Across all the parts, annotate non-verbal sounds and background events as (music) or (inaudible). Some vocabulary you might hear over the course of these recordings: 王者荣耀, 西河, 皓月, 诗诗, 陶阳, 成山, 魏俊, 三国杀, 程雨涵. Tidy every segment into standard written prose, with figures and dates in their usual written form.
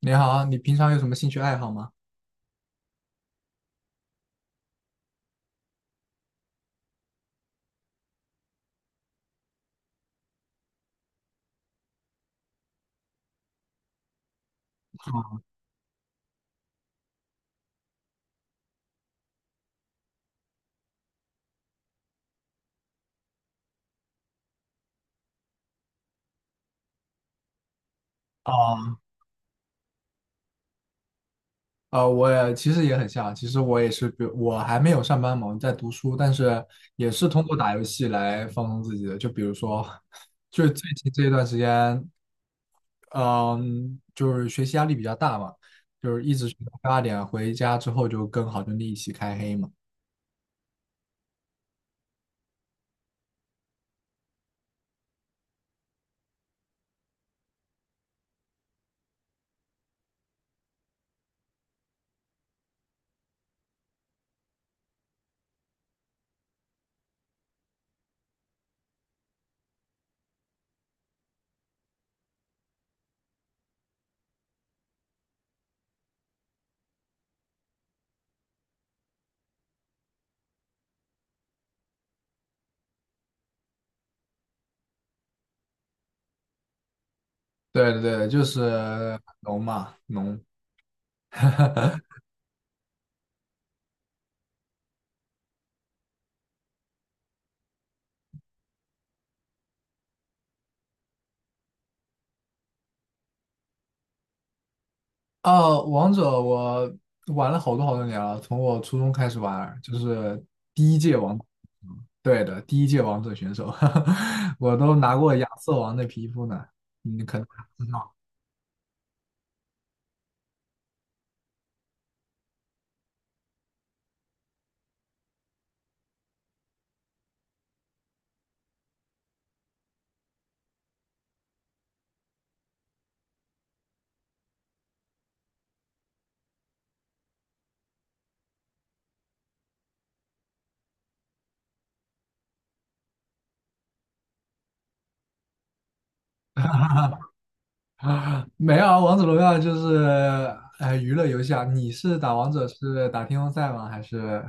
你好，你平常有什么兴趣爱好吗？啊，我也其实也很像，其实我也是，比如我还没有上班嘛，我在读书，但是也是通过打游戏来放松自己的。就比如说，就最近这一段时间，嗯，就是学习压力比较大嘛，就是一直学到8点，回家之后就跟好兄弟一起开黑嘛。对对对，就是农嘛，农。(laughs) 哦，王者我玩了好多好多年了，从我初中开始玩，就是第一届王，对的，第一届王者选手，(laughs) 我都拿过亚瑟王的皮肤呢，你可能还不知道。(laughs) 没有啊，王者荣耀就是娱乐游戏啊。你是打王者是打巅峰赛吗？还是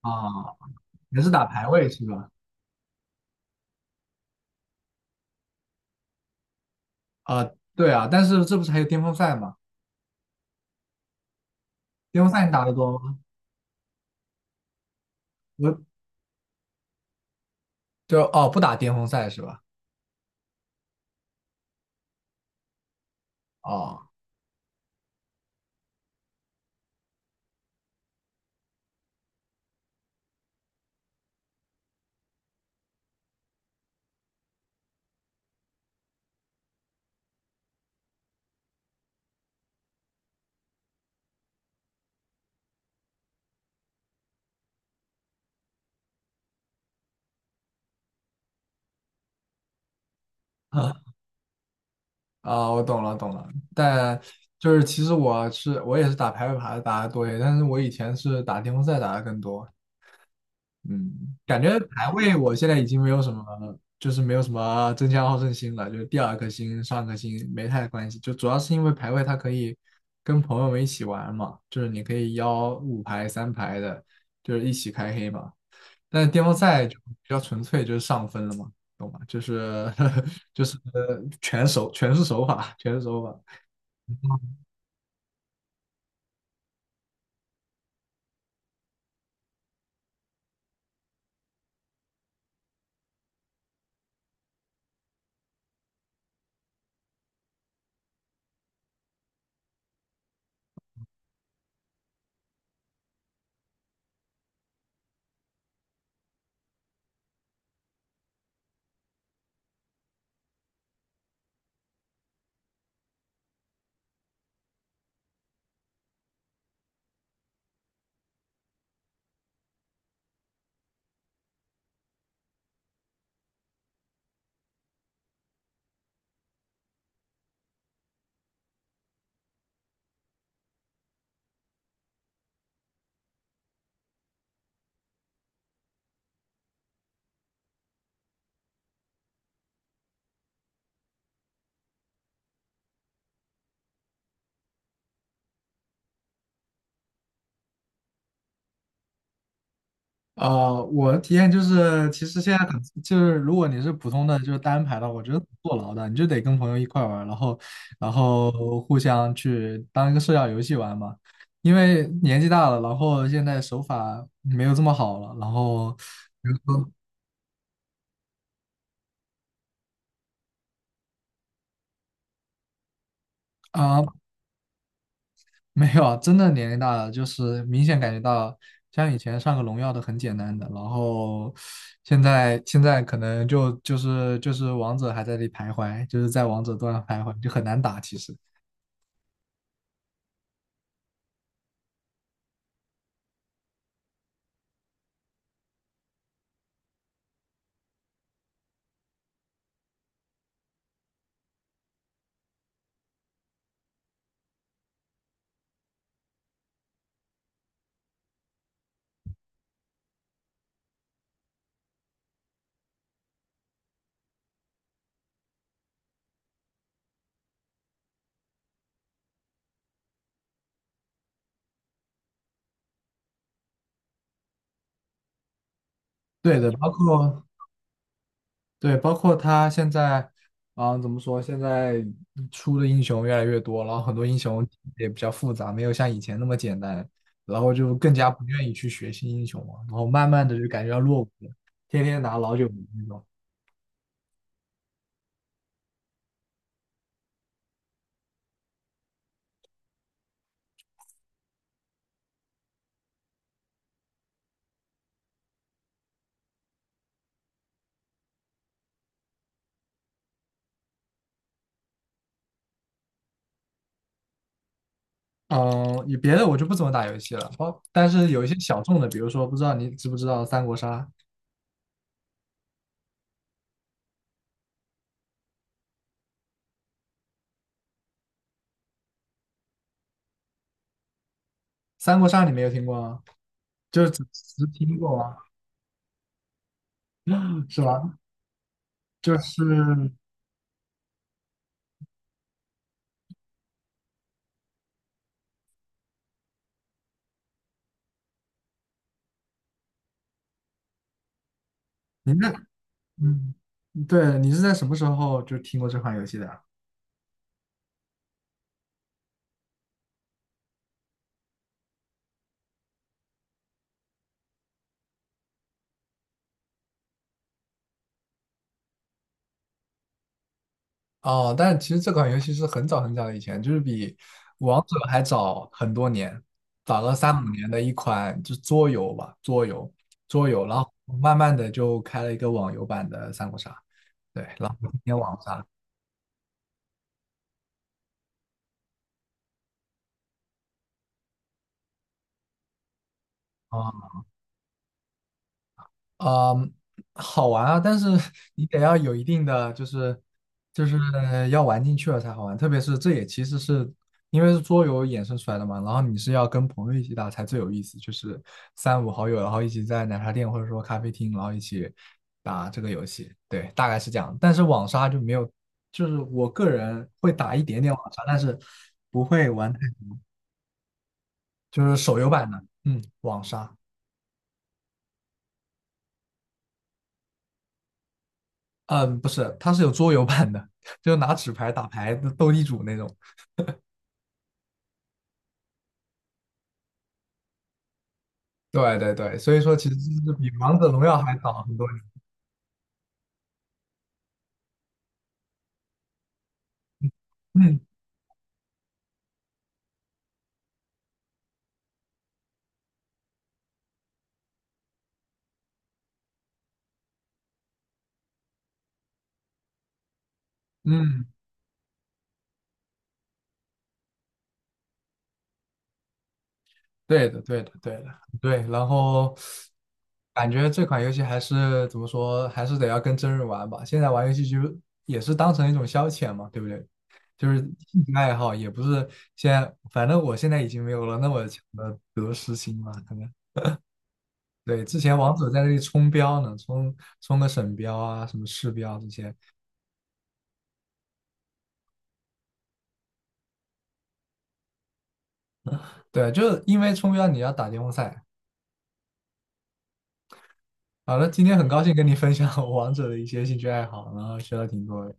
啊，也是打排位是吧？啊，对啊，但是这不是还有巅峰赛吗？巅峰赛你打得多吗？我哦，不打巅峰赛是吧？哦。(laughs) 啊，我懂了，懂了。但就是其实我也是打排位牌打的多一些，但是我以前是打巅峰赛打的更多。嗯，感觉排位我现在已经没有什么，就是没有什么争强好胜心了，就是第二颗星、上颗星没太关系。就主要是因为排位它可以跟朋友们一起玩嘛，就是你可以邀五排、三排的，就是一起开黑嘛。但是巅峰赛就比较纯粹，就是上分了嘛，懂吗？就是 (laughs) 就是全是手法。我的体验就是，其实现在很就是，如果你是普通的，就是单排的话我觉得挺坐牢的，你就得跟朋友一块玩儿然后，然后互相去当一个社交游戏玩嘛。因为年纪大了，然后现在手法没有这么好了，然后，比如说啊、呃没有啊，真的年龄大了，就是明显感觉到，像以前上个荣耀都很简单的，然后现在可能就就是王者还在那里徘徊，就是在王者端徘徊，就很难打。其实，对的，包括对，包括他现在啊，怎么说？现在出的英雄越来越多，然后很多英雄也比较复杂，没有像以前那么简单，然后就更加不愿意去学新英雄了，然后慢慢的就感觉要落伍了，天天拿老九那种。嗯，也别的我就不怎么打游戏了，但是有一些小众的，比如说不知道你知不知道三国杀？三国杀你没有听过吗？就是只只听过吗？(laughs) 是吧？就是您那，嗯，对，你是在什么时候就听过这款游戏的啊哦，但是其实这款游戏是很早很早以前，就是比王者还早很多年，早了3到5年的一款就桌游吧，桌游,然后慢慢的就开了一个网游版的三国杀，对，然后今天网上。啊，啊，好玩啊，但是 (laughs) 你得要有一定的，就是就是要玩进去了才好玩。特别是这也其实是因为是桌游衍生出来的嘛，然后你是要跟朋友一起打才最有意思，就是三五好友，然后一起在奶茶店或者说咖啡厅，然后一起打这个游戏。对，大概是这样。但是网杀就没有，就是我个人会打一点点网杀，但是不会玩太，就是手游版的，嗯，网杀。嗯，不是，它是有桌游版的，(laughs) 就拿纸牌打牌的斗地主那种。对对对，所以说其实是比王者荣耀还早很多年。嗯嗯，对的对的对的对。然后感觉这款游戏还是怎么说，还是得要跟真人玩吧。现在玩游戏就也是当成一种消遣嘛，对不对？就是兴趣爱好，也不是现在，反正我现在已经没有了那么强的得失心嘛，可能。对，之前王者在那里冲标呢，冲个省标啊，什么市标这些。对，就是因为冲标你要打巅峰赛。好了，今天很高兴跟你分享我王者的一些兴趣爱好，然后学了挺多的。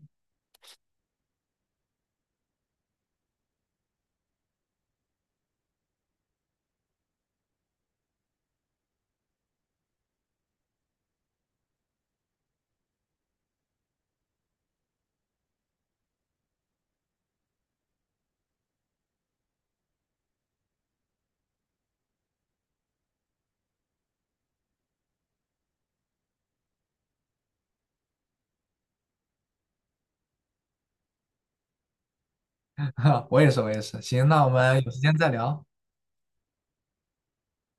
(laughs) 我也是，我也是。行，那我们有时间再聊。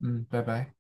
嗯，拜拜。